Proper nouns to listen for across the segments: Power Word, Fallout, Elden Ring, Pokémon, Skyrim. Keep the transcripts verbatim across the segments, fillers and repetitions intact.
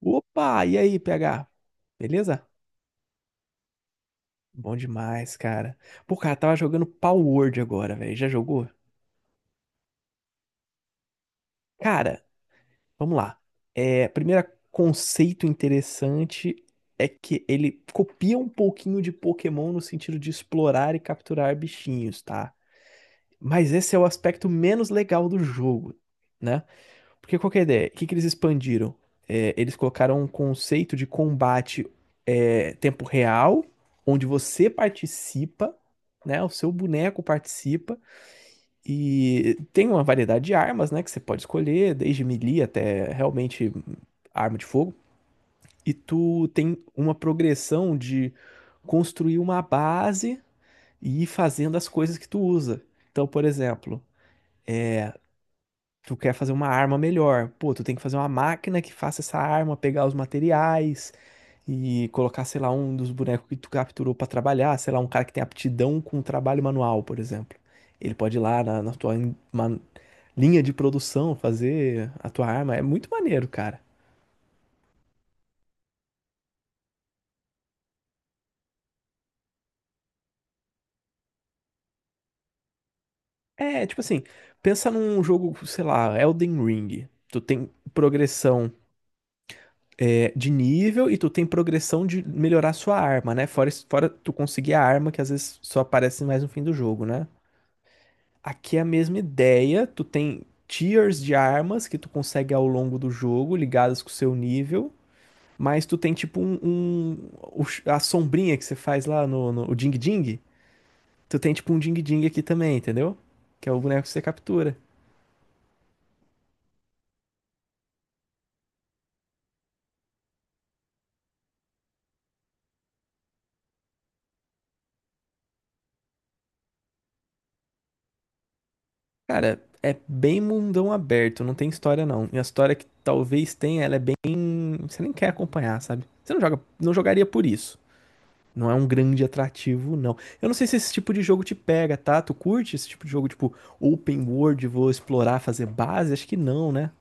Opa, e aí, P H? Beleza? Bom demais, cara. Pô, cara, tava jogando Power Word agora, velho. Já jogou? Cara, vamos lá. É, primeiro conceito interessante é que ele copia um pouquinho de Pokémon no sentido de explorar e capturar bichinhos, tá? Mas esse é o aspecto menos legal do jogo, né? Porque qual que é a ideia? O que que eles expandiram? É, eles colocaram um conceito de combate é, tempo real, onde você participa, né? O seu boneco participa e tem uma variedade de armas, né? Que você pode escolher, desde melee até realmente arma de fogo. E tu tem uma progressão de construir uma base e ir fazendo as coisas que tu usa. Então, por exemplo, tu quer fazer uma arma melhor. Pô, tu tem que fazer uma máquina que faça essa arma, pegar os materiais e colocar, sei lá, um dos bonecos que tu capturou pra trabalhar, sei lá, um cara que tem aptidão com trabalho manual, por exemplo. Ele pode ir lá na, na tua in- ma- linha de produção fazer a tua arma. É muito maneiro, cara. É, tipo assim, pensa num jogo, sei lá, Elden Ring. Tu tem progressão é, de nível e tu tem progressão de melhorar sua arma, né? Fora, isso- fora tu conseguir a arma que às vezes só aparece mais no fim do jogo, né? Aqui é a mesma ideia, tu tem tiers de armas que tu consegue ao longo do jogo, ligadas com o seu nível, mas tu tem tipo um, um- o ch- a sombrinha que você faz lá no, no o Ding Ding, tu tem tipo um Ding Ding aqui também, entendeu? Que é o boneco que você captura. Cara, é bem mundão aberto, não tem história não. E a história que talvez tenha, ela é bem. Você nem quer acompanhar, sabe? Você não joga, não jogaria por isso. Não é um grande atrativo, não. Eu não sei se esse tipo de jogo te pega, tá? Tu curte esse tipo de jogo, tipo, open world, vou explorar, fazer base? Acho que não, né?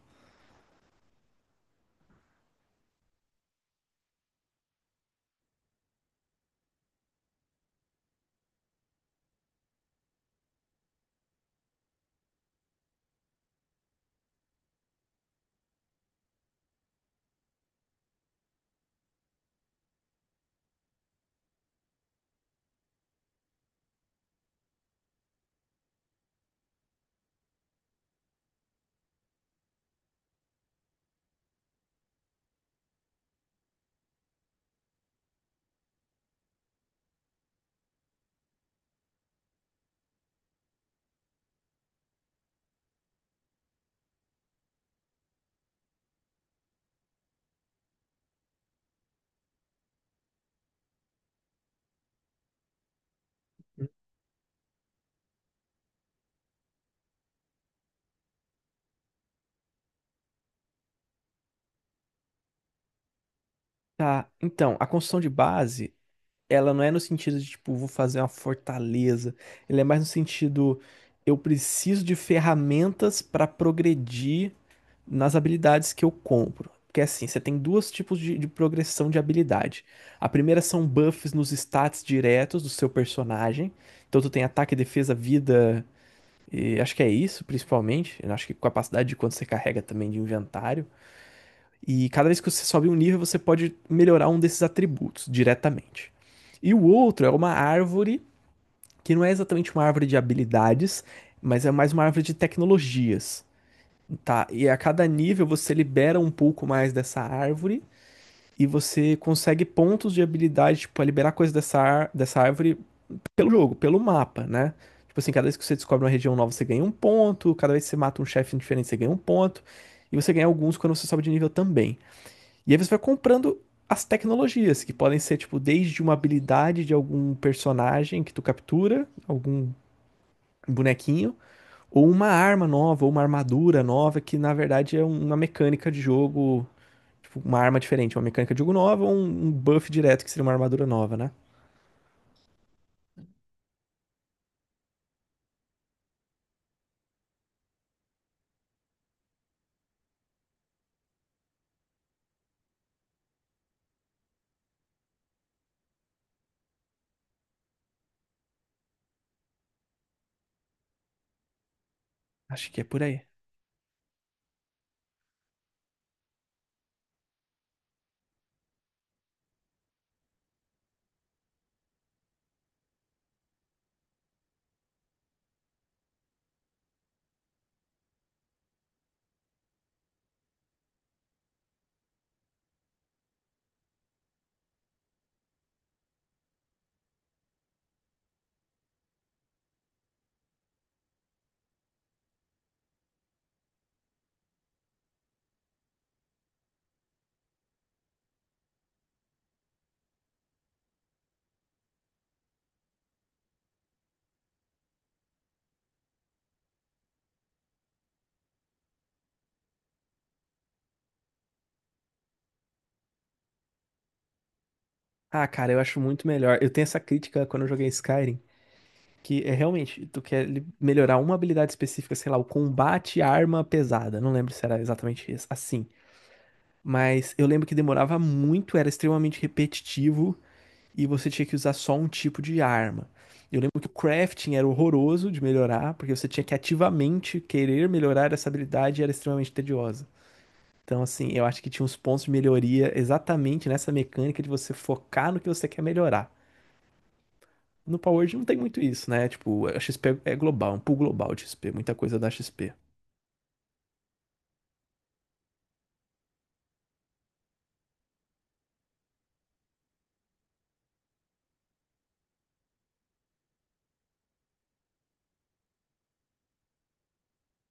Tá, então, a construção de base, ela não é no sentido de, tipo, vou fazer uma fortaleza. Ele é mais no sentido, eu preciso de ferramentas para progredir nas habilidades que eu compro. Porque assim, você tem dois tipos de, de progressão de habilidade. A primeira são buffs nos stats diretos do seu personagem. Então tu tem ataque, defesa, vida. E acho que é isso, principalmente. Eu acho que capacidade de quanto você carrega também de inventário. E cada vez que você sobe um nível, você pode melhorar um desses atributos diretamente. E o outro é uma árvore, que não é exatamente uma árvore de habilidades, mas é mais uma árvore de tecnologias. Tá, e a cada nível você libera um pouco mais dessa árvore e você consegue pontos de habilidade, tipo, a liberar coisas dessa, ar- dessa árvore pelo jogo, pelo mapa, né? Tipo assim, cada vez que você descobre uma região nova, você ganha um ponto, cada vez que você mata um chefe diferente, você ganha um ponto, e você ganha alguns quando você sobe de nível também. E aí você vai comprando as tecnologias, que podem ser, tipo, desde uma habilidade de algum personagem que tu captura, algum bonequinho, ou uma arma nova, ou uma armadura nova, que na verdade é um, uma mecânica de jogo, tipo, uma arma diferente, uma mecânica de jogo nova, ou um, um buff direto, que seria uma armadura nova, né? Acho que é por aí. Ah, cara, eu acho muito melhor. Eu tenho essa crítica quando eu joguei Skyrim, que é realmente, tu quer li- melhorar uma habilidade específica, sei lá, o combate à arma pesada. Não lembro se era exatamente isso, assim. Mas eu lembro que demorava muito, era extremamente repetitivo e você tinha que usar só um tipo de arma. Eu lembro que o crafting era horroroso de melhorar, porque você tinha que ativamente querer melhorar essa habilidade e era extremamente tediosa. Então, assim, eu acho que tinha uns pontos de melhoria exatamente nessa mecânica de você focar no que você quer melhorar. No Power Word não tem muito isso, né? Tipo, a X P é global, é um pool global de X P, muita coisa da X P.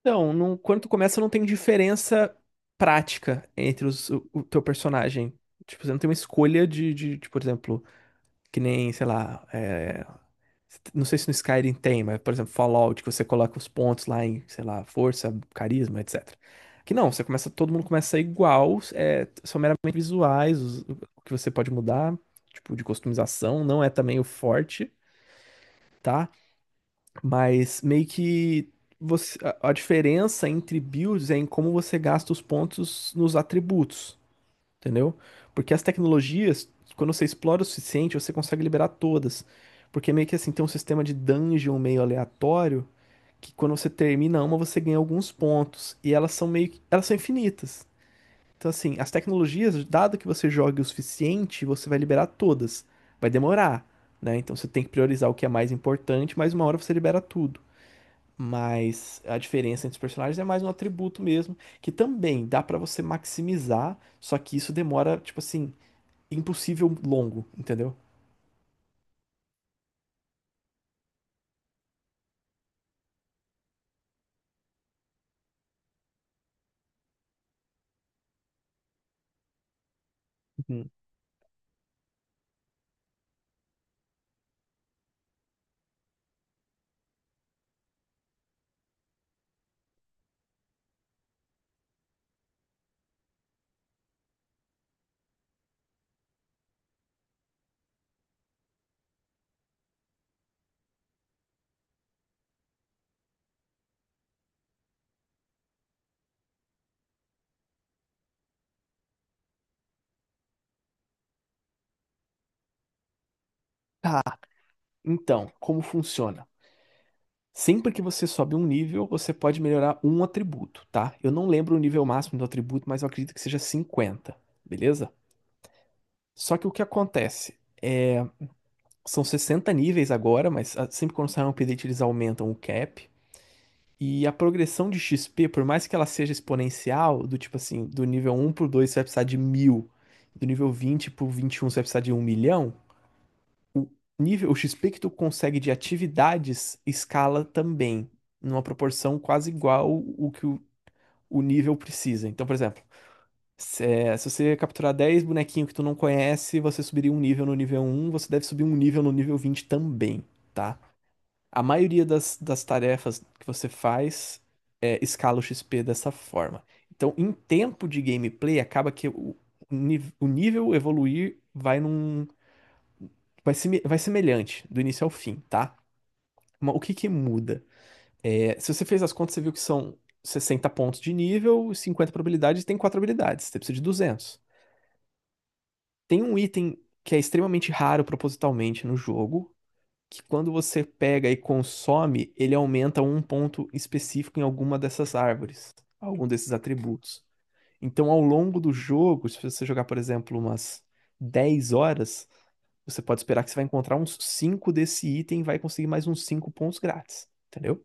Então, não, quando tu começa, não tem diferença prática entre os- o, o teu personagem. Tipo, você não tem uma escolha de, de, de, por exemplo, que nem, sei lá, é, não sei se no Skyrim tem, mas, por exemplo, Fallout, que você coloca os pontos lá em, sei lá, força, carisma, etcetera. Que não, você começa, todo mundo começa a ser igual, é, são meramente visuais, os- o que você pode mudar, tipo, de customização, não é também o forte, tá? Mas meio que você, a, a diferença entre builds é em como você gasta os pontos nos atributos, entendeu? Porque as tecnologias, quando você explora o suficiente, você consegue liberar todas. Porque meio que assim, tem um sistema de dungeon meio aleatório, que quando você termina uma, você ganha alguns pontos. E elas são meio que, elas são infinitas. Então assim, as tecnologias, dado que você jogue o suficiente, você vai liberar todas. Vai demorar, né? Então você tem que priorizar o que é mais importante, mas uma hora você libera tudo. Mas a diferença entre os personagens é mais um atributo mesmo, que também dá pra você maximizar, só que isso demora, tipo assim, impossível longo, entendeu? Uhum. Tá, então, como funciona? Sempre que você sobe um nível, você pode melhorar um atributo, tá? Eu não lembro o nível máximo do atributo, mas eu acredito que seja cinquenta, beleza? Só que o que acontece? São sessenta níveis agora, mas ah, sempre quando sai um update eles aumentam o cap. E a progressão de X P, por mais que ela seja exponencial, do tipo assim, do nível um por dois você vai precisar de mil, do nível vinte pro vinte e um você vai precisar de um milhão. O nível, o X P que tu consegue de atividades escala também, numa proporção quase igual o que o, o nível precisa. Então, por exemplo, se, eh, se você capturar dez bonequinhos que tu não conhece, você subiria um nível no nível um, você deve subir um nível no nível vinte também, tá? A maioria das, das tarefas que você faz eh, escala o X P dessa forma. Então, em tempo de gameplay, acaba que o, o nível o nível evoluir vai num. Vai, semi- vai semelhante do início ao fim, tá? Mas o que que muda? É, se você fez as contas, você viu que são sessenta pontos de nível, cinquenta probabilidades, e tem quatro habilidades, você precisa de duzentos. Tem um item que é extremamente raro propositalmente no jogo, que quando você pega e consome, ele aumenta um ponto específico em alguma dessas árvores, algum desses atributos. Então, ao longo do jogo, se você jogar, por exemplo, umas dez horas, você pode esperar que você vai encontrar uns cinco desse item e vai conseguir mais uns cinco pontos grátis, entendeu?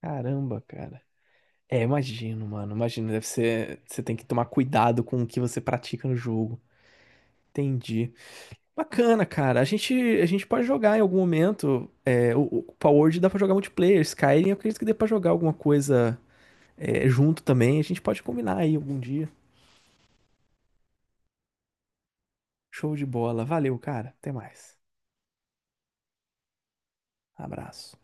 Caramba, cara. É, imagino, mano. Imagino, deve ser. Você tem que tomar cuidado com o que você pratica no jogo. Entendi. Bacana, cara. A gente, a gente pode jogar em algum momento. É, o, o Power Word dá pra jogar multiplayer. Skyrim, eu acredito que dê pra jogar alguma coisa é, junto também. A gente pode combinar aí algum dia. Show de bola. Valeu, cara. Até mais. Abraço.